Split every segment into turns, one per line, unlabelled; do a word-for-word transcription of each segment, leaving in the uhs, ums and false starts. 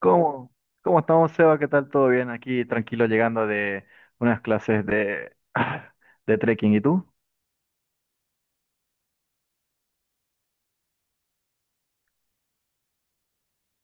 ¿Cómo? ¿Cómo estamos, Seba? ¿Qué tal? ¿Todo bien? Aquí tranquilo llegando de unas clases de, de trekking. ¿Y tú?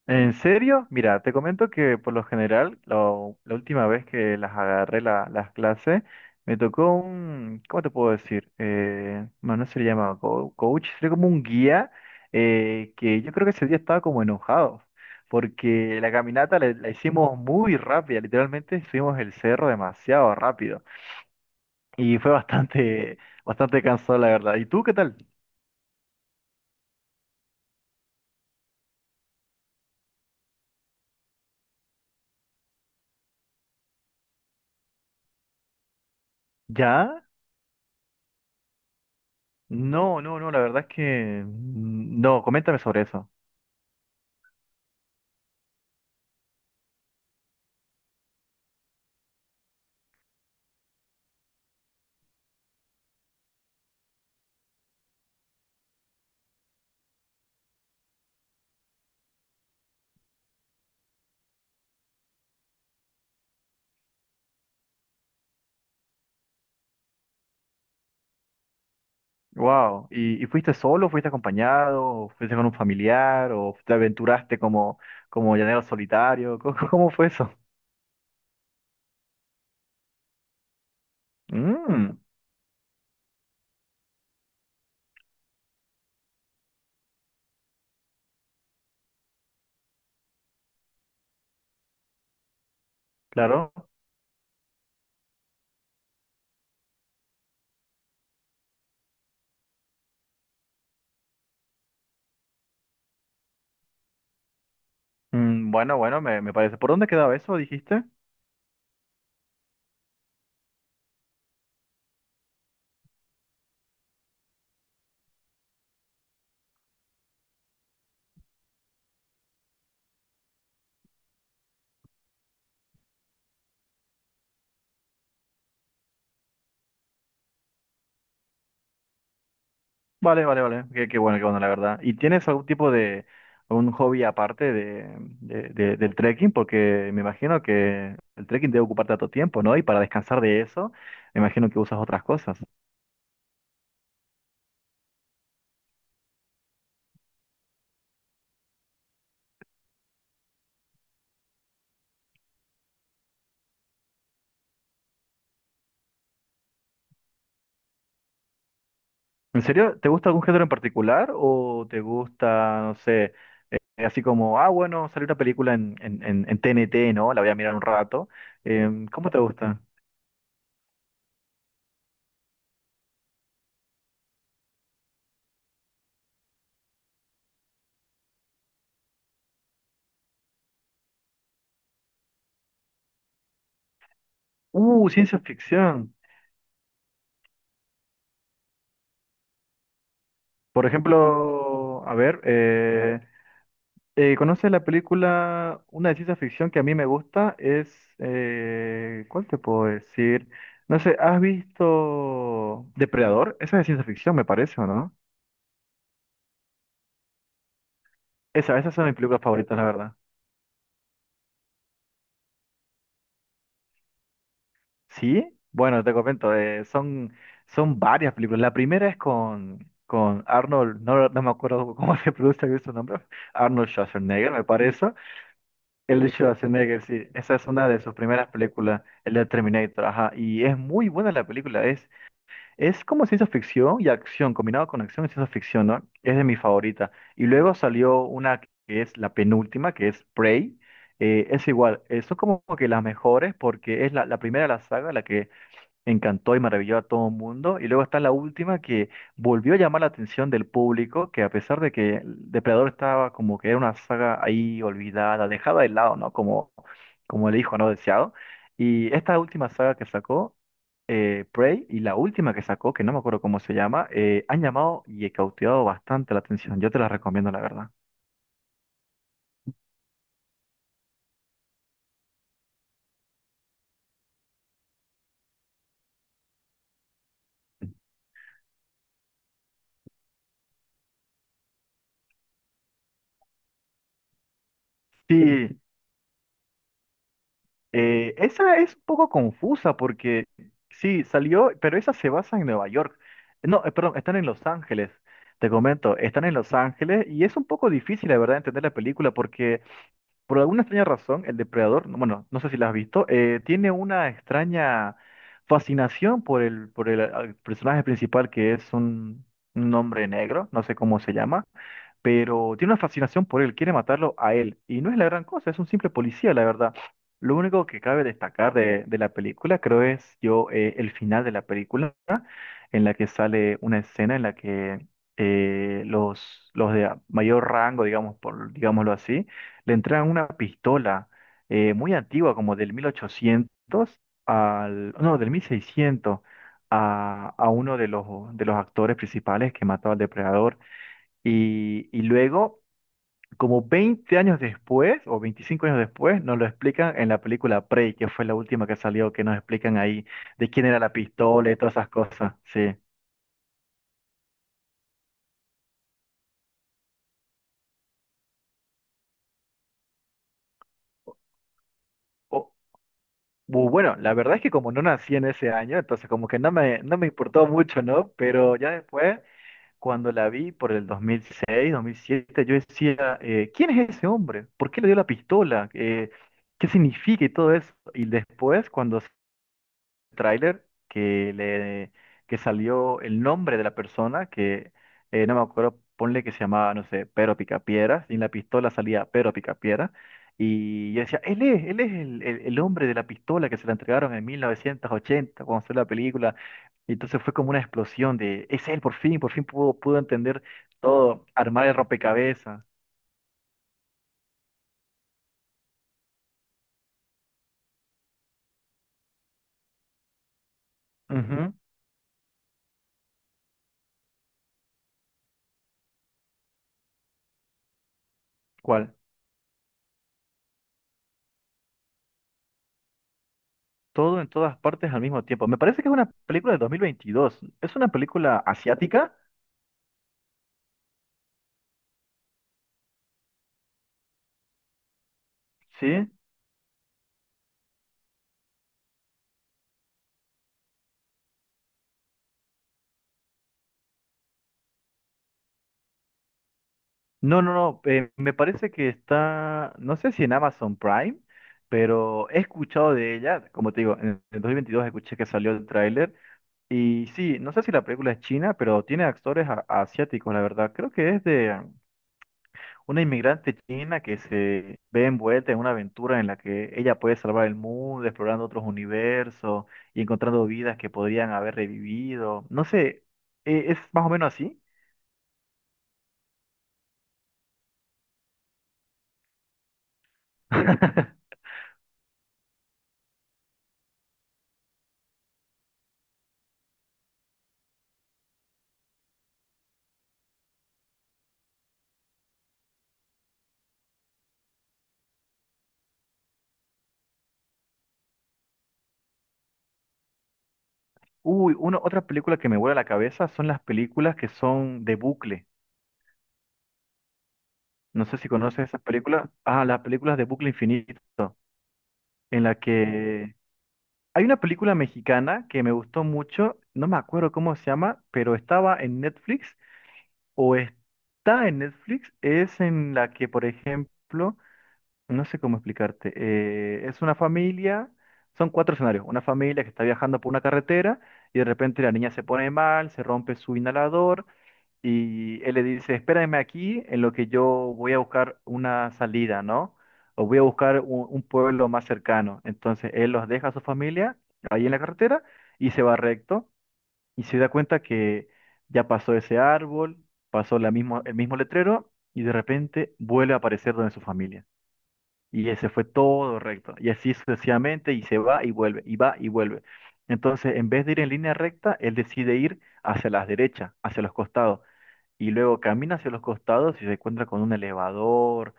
¿En serio? Mira, te comento que por lo general, lo- la última vez que las agarré la- las clases, me tocó un, ¿cómo te puedo decir? Eh, bueno, no se le llama co- coach, sería como un guía, eh, que yo creo que ese día estaba como enojado, porque la caminata la, la hicimos muy rápida, literalmente subimos el cerro demasiado rápido. Y fue bastante, bastante cansado, la verdad. ¿Y tú qué tal? ¿Ya? No, no, no, la verdad es que mm, no, coméntame sobre eso. Wow. ¿Y, y fuiste solo, fuiste acompañado, o fuiste con un familiar, o te aventuraste como, como llanero solitario? ¿Cómo, cómo fue eso? Mm, claro. Mm, bueno, bueno, me, me parece. ¿Por dónde quedaba eso, dijiste? Vale, vale, vale. Qué, qué bueno, qué bueno, la verdad. ¿Y tienes algún tipo de, algún hobby aparte de, de- de- del trekking? Porque me imagino que el trekking debe ocupar tanto tiempo, ¿no? Y para descansar de eso, me imagino que usas otras cosas. ¿En serio? ¿Te gusta algún género en particular? ¿O te gusta, no sé, así como, ah, bueno, salió una película en, en, en, en T N T, ¿no? La voy a mirar un rato. Em, ¿cómo te gusta? Uh, ciencia ficción. Por ejemplo, a ver. eh, Eh, ¿conoces la película? Una de ciencia ficción que a mí me gusta es, eh, ¿cuál te puedo decir? No sé, ¿has visto Depredador? Esa es de ciencia ficción, me parece, ¿o no? Esa, esas son mis películas favoritas, la verdad. ¿Sí? Bueno, te comento, eh, son, son varias películas. La primera es con, con Arnold, no, no me acuerdo cómo se pronuncia bien su nombre, Arnold Schwarzenegger, me parece. El de Schwarzenegger, sí, esa es una de sus primeras películas, el de Terminator, ajá, y es muy buena la película. Es Es como ciencia ficción y acción, combinado con acción y ciencia ficción, ¿no? Es de mi favorita. Y luego salió una que es la penúltima, que es Prey. Eh, es igual, eh, son como que las mejores porque es la, la primera de la saga, la que encantó y maravilló a todo el mundo. Y luego está la última que volvió a llamar la atención del público, que a pesar de que Depredador estaba como que era una saga ahí olvidada, dejada de lado, ¿no? Como, como el hijo no deseado. Y esta última saga que sacó, eh, Prey, y la última que sacó, que no me acuerdo cómo se llama, eh, han llamado y cautivado bastante la atención. Yo te las recomiendo, la verdad. Sí, Eh, esa es un poco confusa porque sí, salió, pero esa se basa en Nueva York. No, eh, perdón, están en Los Ángeles. Te comento, están en Los Ángeles y es un poco difícil, la verdad, entender la película porque por alguna extraña razón el depredador, no, bueno, no sé si la has visto, eh, tiene una extraña fascinación por el, por el eh, personaje principal que es un, un hombre negro, no sé cómo se llama, pero tiene una fascinación por él, quiere matarlo a él. Y no es la gran cosa, es un simple policía, la verdad. Lo único que cabe destacar de, de la película, creo, es yo, eh, el final de la película, en la que sale una escena en la que eh, los, los de mayor rango, digamos, por, digámoslo así, le entregan una pistola, eh, muy antigua, como del mil ochocientos al, no, del mil seiscientos a, a uno de los, de los actores principales que mató al depredador. Y, y luego, como veinte años después, o veinticinco años después, nos lo explican en la película Prey, que fue la última que salió, que nos explican ahí de quién era la pistola y todas esas cosas. Sí. O- bu- bueno, la verdad es que como no nací en ese año, entonces como que no me, no me importó mucho, ¿no? Pero ya después, cuando la vi por el dos dos mil seis dos mil siete, yo decía, eh, ¿quién es ese hombre? ¿Por qué le dio la pistola? Eh, ¿qué significa y todo eso? Y después, cuando tráiler que le que salió el nombre de la persona que eh, no me acuerdo, ponle que se llamaba, no sé, Pero Picapiedra, y en la pistola salía Pero Picapiedra, y yo decía, él es, él es el, el, el hombre de la pistola que se la entregaron en mil novecientos ochenta cuando salió la película. Y entonces fue como una explosión de, es él, por fin, por fin pudo, pudo entender todo, armar el rompecabezas. Ujú. ¿Cuál? Todo en todas partes al mismo tiempo. Me parece que es una película de dos mil veintidós. ¿Es una película asiática? ¿Sí? No, no, no. Eh, me parece que está, no sé si en Amazon Prime, pero he escuchado de ella. Como te digo, en el dos mil veintidós escuché que salió el tráiler. Y sí, no sé si la película es china, pero tiene actores a- asiáticos, la verdad. Creo que es de um, una inmigrante china que se ve envuelta en una aventura en la que ella puede salvar el mundo, explorando otros universos y encontrando vidas que podrían haber revivido. No sé, eh, ¿es más o menos así? Uy, una, otra película que me vuela la cabeza son las películas que son de bucle. No sé si conoces esas películas. Ah, las películas de bucle infinito, en la que hay una película mexicana que me gustó mucho, no me acuerdo cómo se llama, pero estaba en Netflix o está en Netflix, es en la que, por ejemplo, no sé cómo explicarte, eh, es una familia, son cuatro escenarios, una familia que está viajando por una carretera y de repente la niña se pone mal, se rompe su inhalador. Y él le dice, espérame aquí en lo que yo voy a buscar una salida, ¿no? O voy a buscar un, un pueblo más cercano. Entonces él los deja a su familia ahí en la carretera y se va recto y se da cuenta que ya pasó ese árbol, pasó la mismo, el mismo letrero y de repente vuelve a aparecer donde su familia. Y ese fue todo recto. Y así sucesivamente y se va y vuelve, y va y vuelve. Entonces, en vez de ir en línea recta, él decide ir hacia las derechas, hacia los costados, y luego camina hacia los costados y se encuentra con un elevador,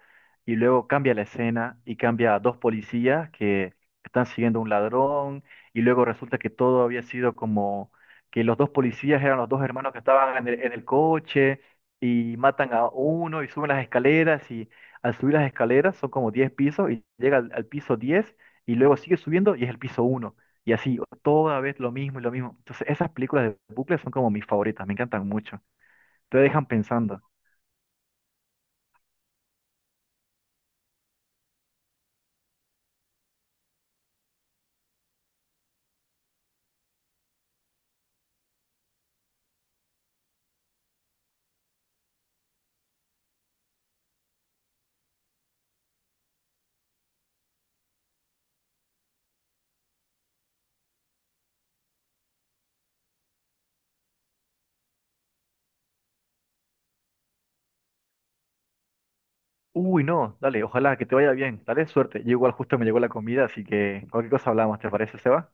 y luego cambia la escena y cambia a dos policías que están siguiendo a un ladrón, y luego resulta que todo había sido como que los dos policías eran los dos hermanos que estaban en el, en el coche, y matan a uno y suben las escaleras, y al subir las escaleras son como diez pisos, y llega al, al piso diez y luego sigue subiendo y es el piso uno. Y así, toda vez lo mismo y lo mismo. Entonces, esas películas de bucles son como mis favoritas, me encantan mucho. Te dejan pensando. Uy, no, dale, ojalá que te vaya bien. Dale, suerte. Yo igual justo me llegó la comida, así que cualquier cosa hablamos, ¿te parece, Seba?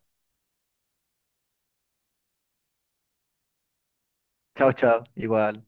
Chao, chao. Igual.